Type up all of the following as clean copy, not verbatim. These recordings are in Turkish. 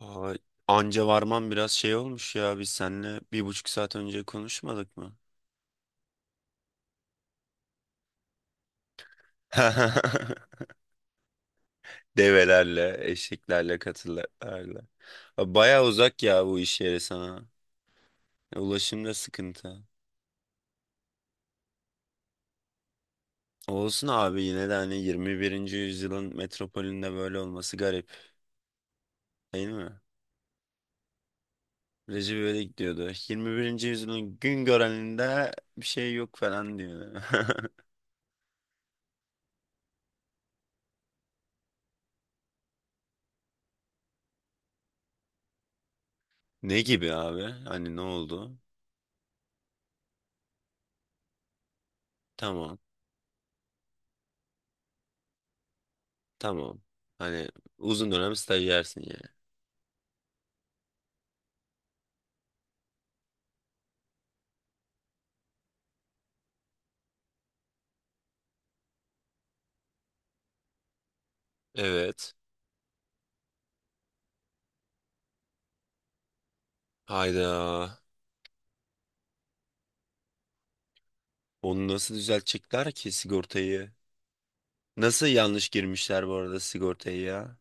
Aa, anca varman biraz şey olmuş ya. Biz seninle 1,5 saat önce konuşmadık mı? Develerle, eşeklerle, katırlarla. Baya uzak ya bu iş yeri sana. Ulaşım da sıkıntı. Olsun abi yine de hani 21. yüzyılın metropolünde böyle olması garip değil mi? Recep İvedik diyordu. 21. yüzyılın gün göreninde bir şey yok falan diyor. Ne gibi abi? Hani ne oldu? Tamam. Tamam. Hani uzun dönem stajyersin yani. Evet. Hayda. Onu nasıl düzeltecekler ki sigortayı? Nasıl yanlış girmişler bu arada sigortayı ya?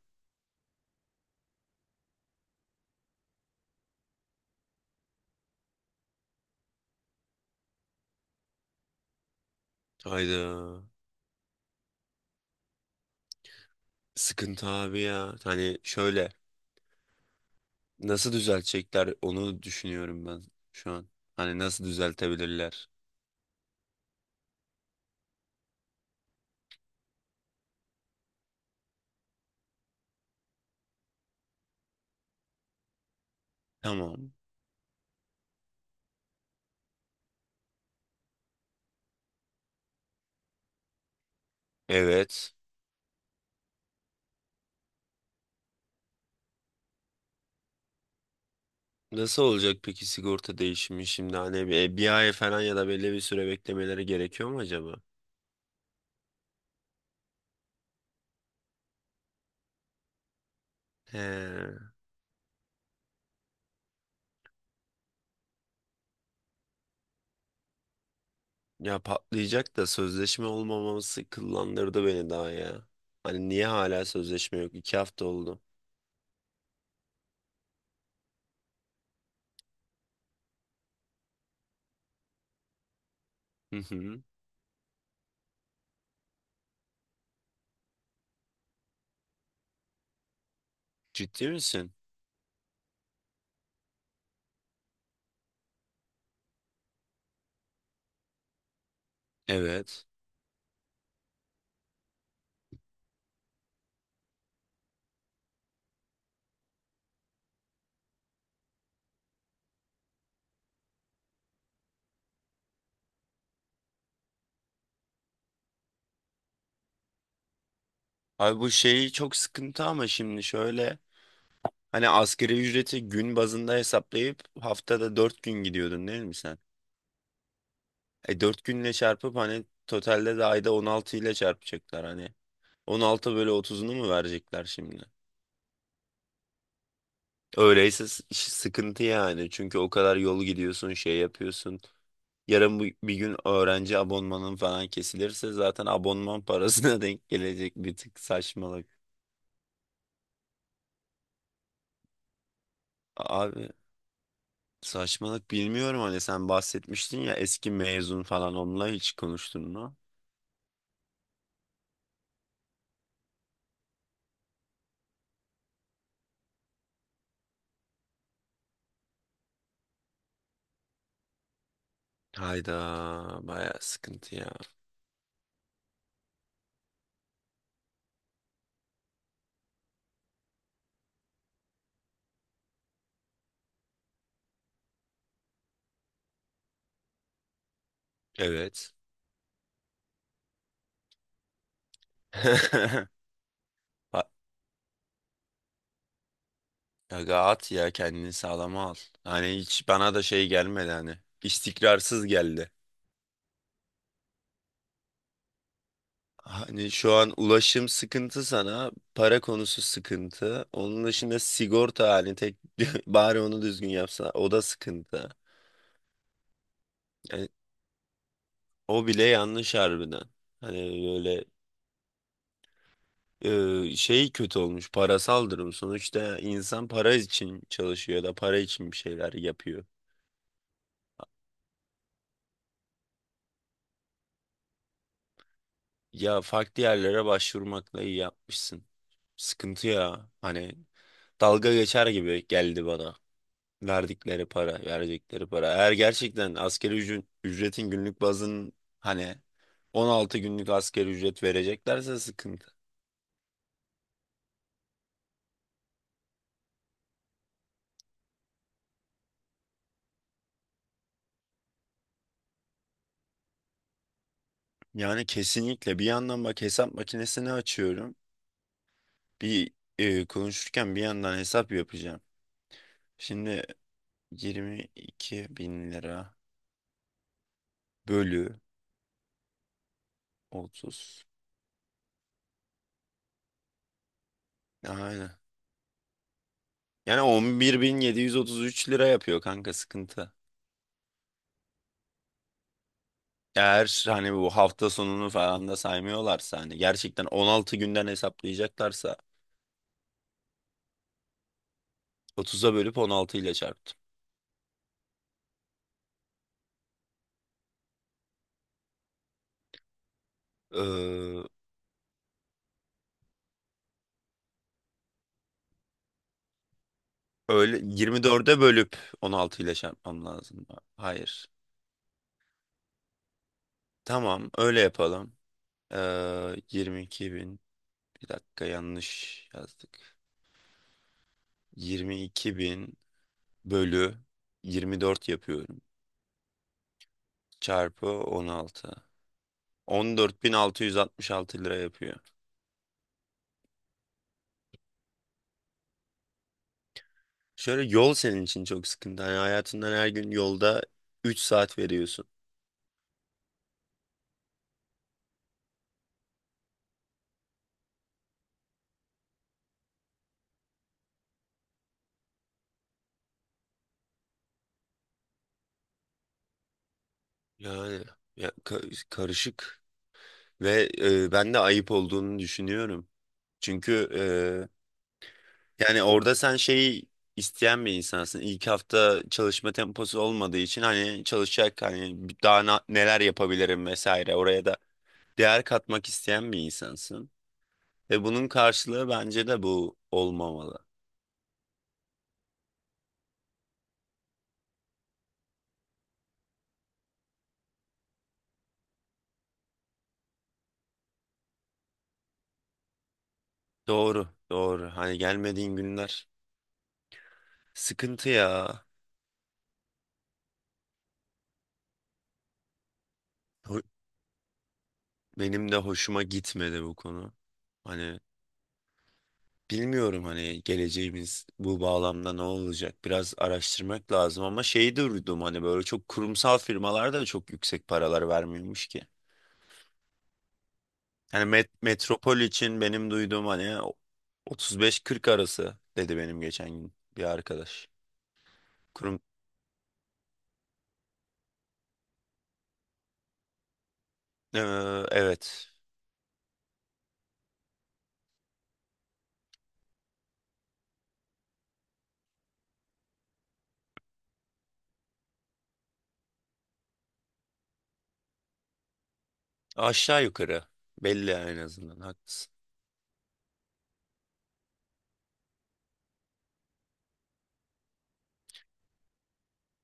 Hayda. Sıkıntı abi ya. Hani şöyle. Nasıl düzeltecekler onu düşünüyorum ben şu an. Hani nasıl düzeltebilirler? Tamam. Evet. Nasıl olacak peki sigorta değişimi şimdi hani bir ay falan ya da belli bir süre beklemeleri gerekiyor mu acaba? He. Ya patlayacak da sözleşme olmaması kıllandırdı beni daha ya. Hani niye hala sözleşme yok? 2 hafta oldu. Hı hı. Ciddi misin? Evet. Abi bu şeyi çok sıkıntı ama şimdi şöyle. Hani asgari ücreti gün bazında hesaplayıp haftada 4 gün gidiyordun değil mi sen? E 4 günle çarpıp hani totalde de ayda 16 ile çarpacaklar hani. 16 bölü 30'unu mu verecekler şimdi? Öyleyse sıkıntı yani. Çünkü o kadar yol gidiyorsun, şey yapıyorsun. Yarın bir gün öğrenci abonmanın falan kesilirse zaten abonman parasına denk gelecek bir tık saçmalık. Abi saçmalık bilmiyorum hani sen bahsetmiştin ya eski mezun falan onunla hiç konuştun mu? Hayda, baya sıkıntı ya. Evet. Ha- Aga at ya kendini sağlama al. Hani hiç bana da şey gelmedi hani. İstikrarsız geldi. Hani şu an ulaşım sıkıntı sana, para konusu sıkıntı. Onun dışında sigorta hani tek bari onu düzgün yapsa o da sıkıntı. Yani o bile yanlış harbiden. Hani böyle şey kötü olmuş parasal durum. Sonuçta insan para için çalışıyor ya da para için bir şeyler yapıyor. Ya farklı yerlere başvurmakla iyi yapmışsın. Sıkıntı ya. Hani dalga geçer gibi geldi bana. Verdikleri para, verdikleri para. Eğer gerçekten asgari ücretin günlük bazın hani 16 günlük asgari ücret vereceklerse sıkıntı. Yani kesinlikle bir yandan bak hesap makinesini açıyorum. Bir konuşurken bir yandan hesap yapacağım. Şimdi 22 bin lira bölü 30. Aynen. Yani 11.733 lira yapıyor kanka sıkıntı. Eğer hani bu hafta sonunu falan da saymıyorlarsa hani gerçekten 16 günden hesaplayacaklarsa 30'a bölüp 16 ile çarptım. Ee, öyle 24'e bölüp 16 ile çarpmam lazım. Hayır. Tamam öyle yapalım. 22 bin, bir dakika yanlış yazdık. 22 bin bölü 24 yapıyorum. Çarpı 16. 14.666 lira yapıyor. Şöyle yol senin için çok sıkıntı. Hani hayatından her gün yolda 3 saat veriyorsun. Yani ya, karışık ve ben de ayıp olduğunu düşünüyorum. Çünkü yani orada sen şeyi isteyen bir insansın. İlk hafta çalışma temposu olmadığı için hani çalışacak hani daha neler yapabilirim vesaire oraya da değer katmak isteyen bir insansın. Ve bunun karşılığı bence de bu olmamalı. Doğru, doğru. Hani gelmediğin günler sıkıntı ya. Ho- Benim de hoşuma gitmedi bu konu. Hani bilmiyorum hani geleceğimiz bu bağlamda ne olacak? Biraz araştırmak lazım ama şeyi de duydum hani böyle çok kurumsal firmalarda da çok yüksek paralar vermiyormuş ki. Yani metropol için benim duyduğum hani 35-40 arası dedi benim geçen gün bir arkadaş. Kurum Ee, evet, aşağı yukarı belli en azından haklısın.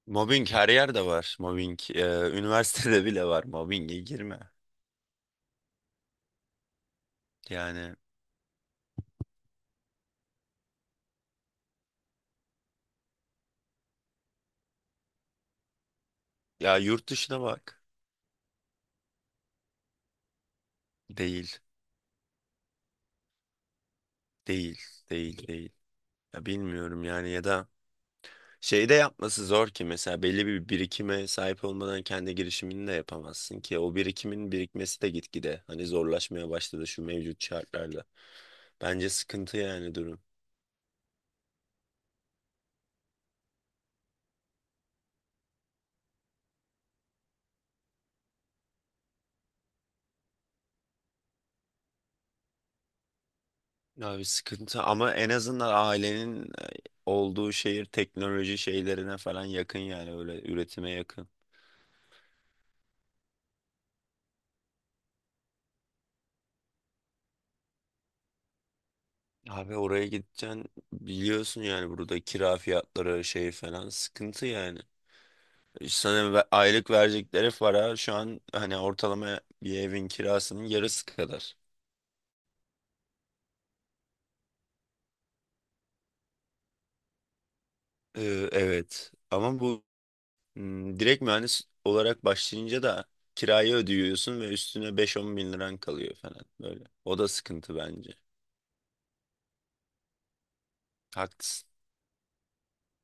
Mobbing her yerde var. Mobbing üniversitede bile var. Mobbinge girme. Yani ya yurt dışına bak. Değil. Değil. Değil. Değil. Ya bilmiyorum yani ya da şey de yapması zor ki mesela belli bir birikime sahip olmadan kendi girişimini de yapamazsın ki o birikimin birikmesi de gitgide hani zorlaşmaya başladı şu mevcut şartlarla. Bence sıkıntı yani durum. Abi sıkıntı ama en azından ailenin olduğu şehir teknoloji şeylerine falan yakın, yani öyle üretime yakın. Abi oraya gideceksin biliyorsun, yani burada kira fiyatları şey falan sıkıntı yani. Sana aylık verecekleri para şu an hani ortalama bir evin kirasının yarısı kadar. Evet ama bu direkt mühendis olarak başlayınca da kirayı ödüyorsun ve üstüne 5-10 bin liran kalıyor falan böyle. O da sıkıntı bence. Haklısın.